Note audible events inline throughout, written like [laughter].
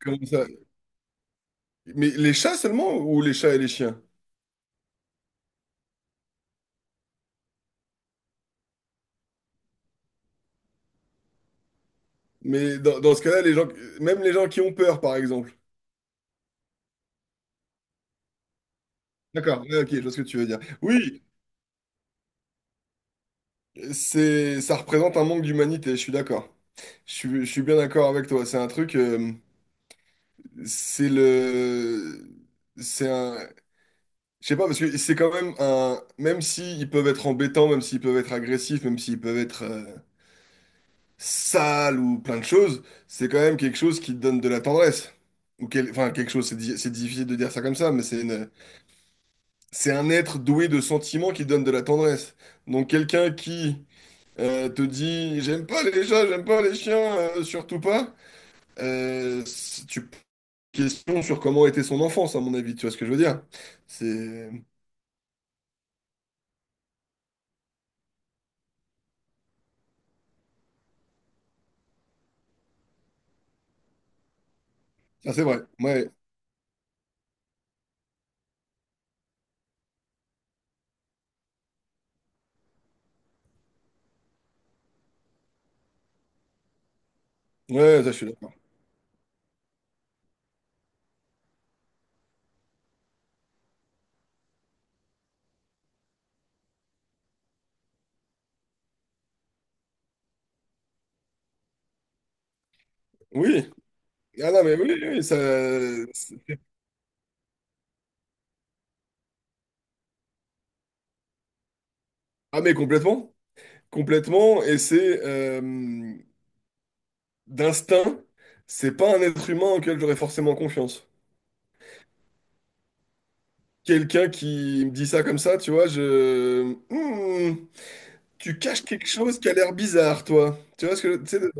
Comment ça? Mais les chats seulement ou les chats et les chiens? Mais dans ce cas-là, les gens, même les gens qui ont peur, par exemple. D'accord, ouais, ok, je vois ce que tu veux dire. Oui, ça représente un manque d'humanité, je suis d'accord. Je suis bien d'accord avec toi. C'est un truc, c'est le, c'est un, je sais pas, parce que c'est quand même même s'ils peuvent être embêtants, même s'ils peuvent être agressifs, même s'ils peuvent être sale ou plein de choses, c'est quand même quelque chose qui te donne de la tendresse. Ou enfin, quelque chose, c'est difficile de dire ça comme ça, mais c'est un être doué de sentiments qui donne de la tendresse. Donc quelqu'un qui te dit «J'aime pas les chats, j'aime pas les chiens, surtout pas», tu question sur comment était son enfance, à mon avis, tu vois ce que je veux dire? C'est ah, c'est vrai, ouais, ouais, ça je suis d'accord. Oui, ah non mais oui, oui, ça. Ah mais complètement. Complètement, et c'est d'instinct, c'est pas un être humain auquel j'aurais forcément confiance. Quelqu'un qui me dit ça comme ça, tu vois, je. Hmm, tu caches quelque chose qui a l'air bizarre, toi. Tu vois ce que. Tu sais,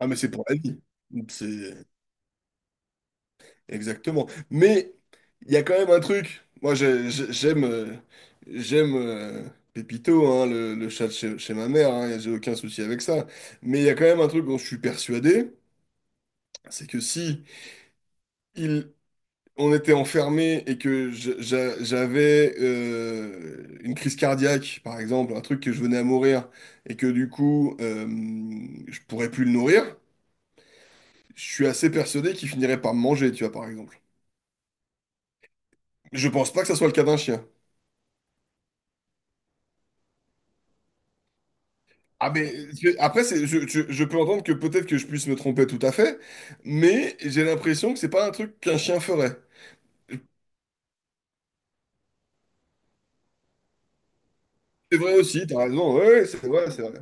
Ah mais c'est pour la vie. C'est. Exactement. Mais il y a quand même un truc. Moi, j'aime Pépito, hein, le chat de chez ma mère, hein, j'ai aucun souci avec ça. Mais il y a quand même un truc dont je suis persuadé, c'est que si on était enfermé et que j'avais une crise cardiaque, par exemple, un truc que je venais à mourir, et que du coup, je pourrais plus le nourrir, je suis assez persuadé qu'il finirait par me manger, tu vois, par exemple. Je pense pas que ça soit le cas d'un chien. Ah mais je- après c'est- je peux entendre que peut-être que je puisse me tromper tout à fait, mais j'ai l'impression que c'est pas un truc qu'un chien ferait. C'est vrai aussi, t'as raison, ouais, ouais, c'est vrai, c'est vrai.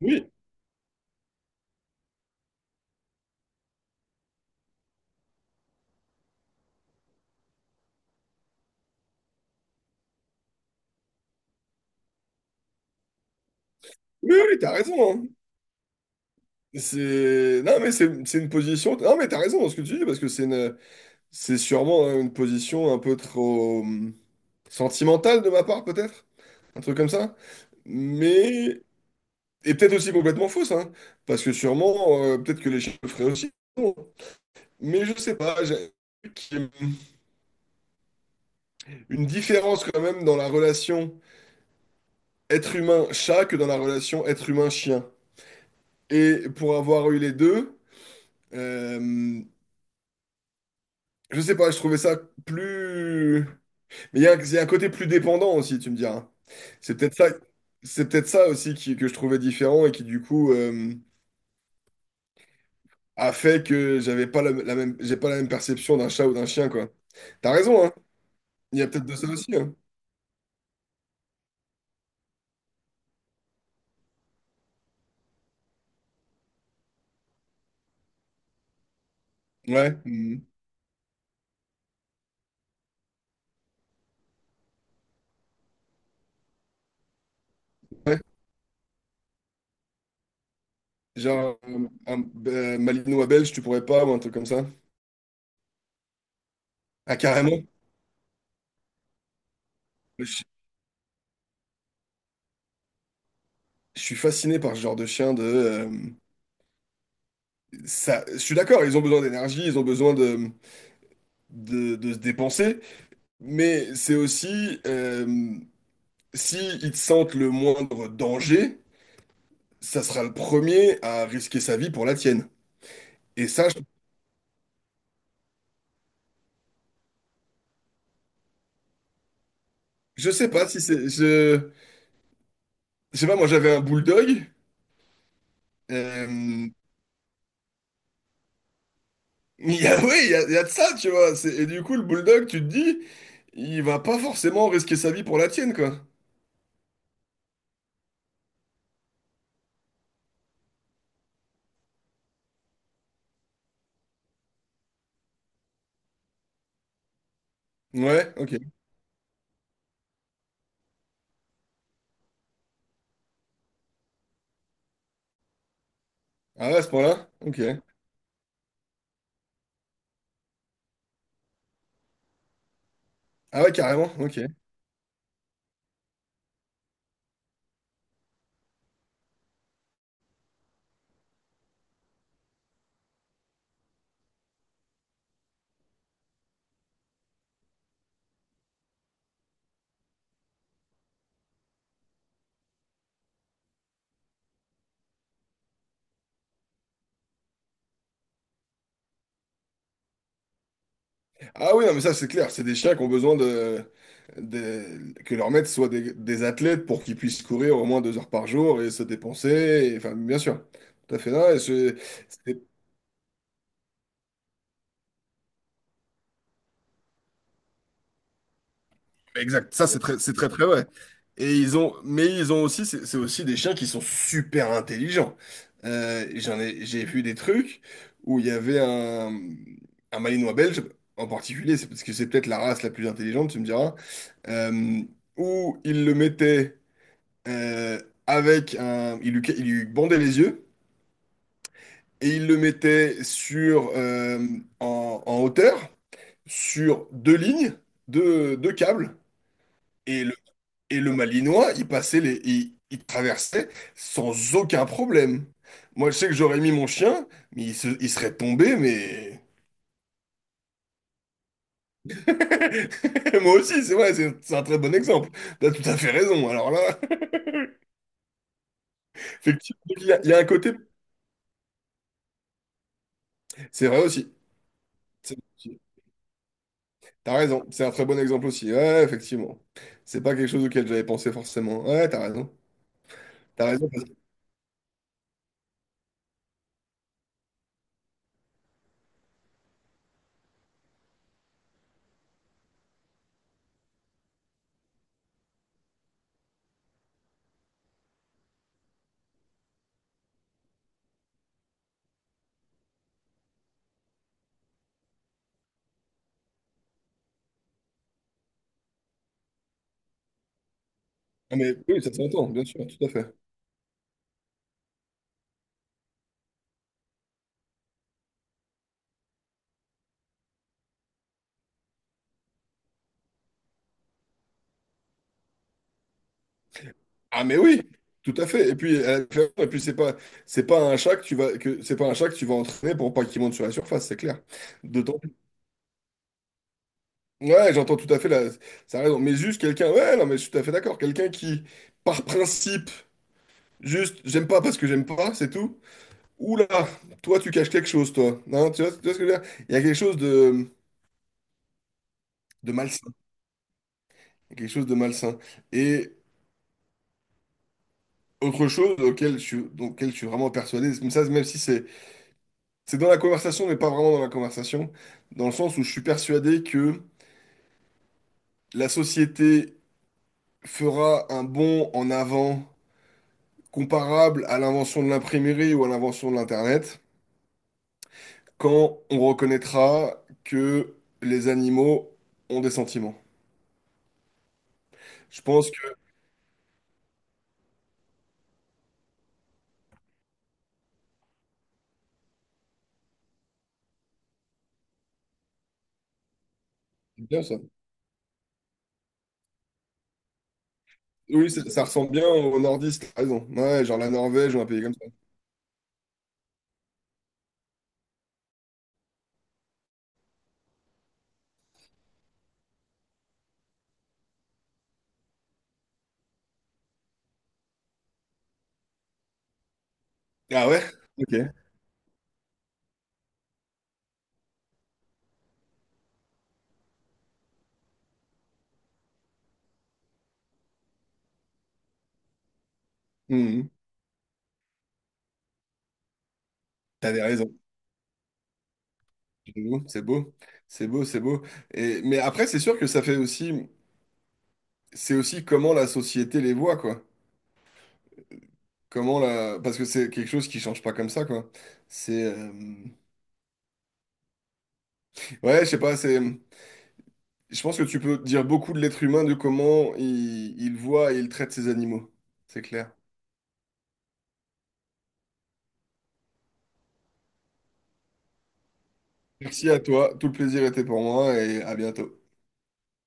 Oui, oui, oui, t'as raison, hein. C'est. Non, mais c'est une position. Non, mais t'as raison dans ce que tu dis, parce que c'est une. C'est sûrement, hein, une position un peu trop sentimentale de ma part, peut-être. Un truc comme ça. Mais. Et peut-être aussi complètement fausse, hein, parce que sûrement, peut-être que les chiens le feraient aussi. Mais je sais pas, j'ai qu'il y ait une différence quand même dans la relation être humain-chat que dans la relation être humain-chien. Et pour avoir eu les deux, euh, je sais pas, je trouvais ça plus. Mais il y a, un il y a un côté plus dépendant aussi, tu me diras, hein. C'est peut-être ça, c'est peut-être ça aussi que je trouvais différent et qui du coup a fait que j'avais pas la même, j'ai pas la même perception d'un chat ou d'un chien, quoi. T'as raison, hein. Il y a peut-être de ça aussi, hein. Ouais. Mhm. Ouais. Genre un malinois belge, tu pourrais pas ou un truc comme ça. Ah, carrément. Je, je suis fasciné par ce genre de chien de ça. Je suis d'accord, ils ont besoin d'énergie, ils ont besoin de se dépenser, mais c'est aussi si ils te sentent le moindre danger, ça sera le premier à risquer sa vie pour la tienne. Et ça, je sais pas si c'est. Je sais pas, moi j'avais un bulldog. euh, [laughs] oui, il y a de ça, tu vois. Et du coup, le bulldog, tu te dis, il va pas forcément risquer sa vie pour la tienne, quoi. Ouais, ok. Ah ouais, à ce point-là? Ok. Ah ouais, carrément, ok. Ah oui, non, mais ça, c'est clair. C'est des chiens qui ont besoin de, que leurs maîtres soient des athlètes pour qu'ils puissent courir au moins 2 heures par jour et se dépenser, et, enfin, bien sûr. Tout à fait. Non, et c'est- exact. Ça, c'est très, très vrai. Et ils ont, mais ils ont aussi, c'est aussi des chiens qui sont super intelligents. J'en ai, j'ai vu des trucs où il y avait un Malinois belge en particulier, c'est parce que c'est peut-être la race la plus intelligente, tu me diras, euh, où ils le mettaient euh, avec un, il lui bandait les yeux et il le mettait sur en hauteur sur deux lignes, deux câbles et le Malinois, il passait les, il traversait sans aucun problème. Moi, je sais que j'aurais mis mon chien, mais il serait tombé, mais [laughs] moi aussi, c'est vrai, c'est un très bon exemple. T'as tout à fait raison. Alors là, [laughs] effectivement, il y a un côté, c'est vrai aussi. T'as raison, c'est un très bon exemple aussi. Ouais, ouais, effectivement. C'est pas quelque chose auquel j'avais pensé forcément. Ouais, ouais, t'as raison. T'as raison, parce que. Ah, mais oui, ça s'entend, bien sûr, tout à fait. Ah, mais oui, tout à fait. Et puis, c'est pas un chat que tu vas, que, c'est pas un chat que tu vas entraîner pour pas qu'il monte sur la surface, c'est clair. D'autant. Ouais, j'entends tout à fait ça a raison. Mais juste quelqu'un, ouais, non, mais je suis tout à fait d'accord. Quelqu'un qui, par principe, juste, j'aime pas parce que j'aime pas, c'est tout. Oula, toi, tu caches quelque chose, toi. Hein, tu vois, ce que je veux dire? Il y a quelque chose de malsain. Quelque chose de malsain. Et autre chose auquel je suis vraiment persuadé, même ça, même si c'est dans la conversation, mais pas vraiment dans la conversation, dans le sens où je suis persuadé que la société fera un bond en avant comparable à l'invention de l'imprimerie ou à l'invention de l'Internet quand on reconnaîtra que les animaux ont des sentiments. Je pense que. C'est bien ça. Oui, ça ressemble bien aux nordistes, t'as raison. Ouais, genre la Norvège ou un pays comme ça. Ah ouais? Ok. Mhm. T'avais raison. C'est beau, c'est beau, c'est beau, c'est beau. Et, mais après, c'est sûr que ça fait aussi, c'est aussi comment la société les voit, quoi. Comment la, parce que c'est quelque chose qui change pas comme ça, quoi. C'est, ouais, je sais pas, je pense que tu peux dire beaucoup de l'être humain de comment il voit et il traite ses animaux. C'est clair. Merci à toi, tout le plaisir était pour moi et à bientôt.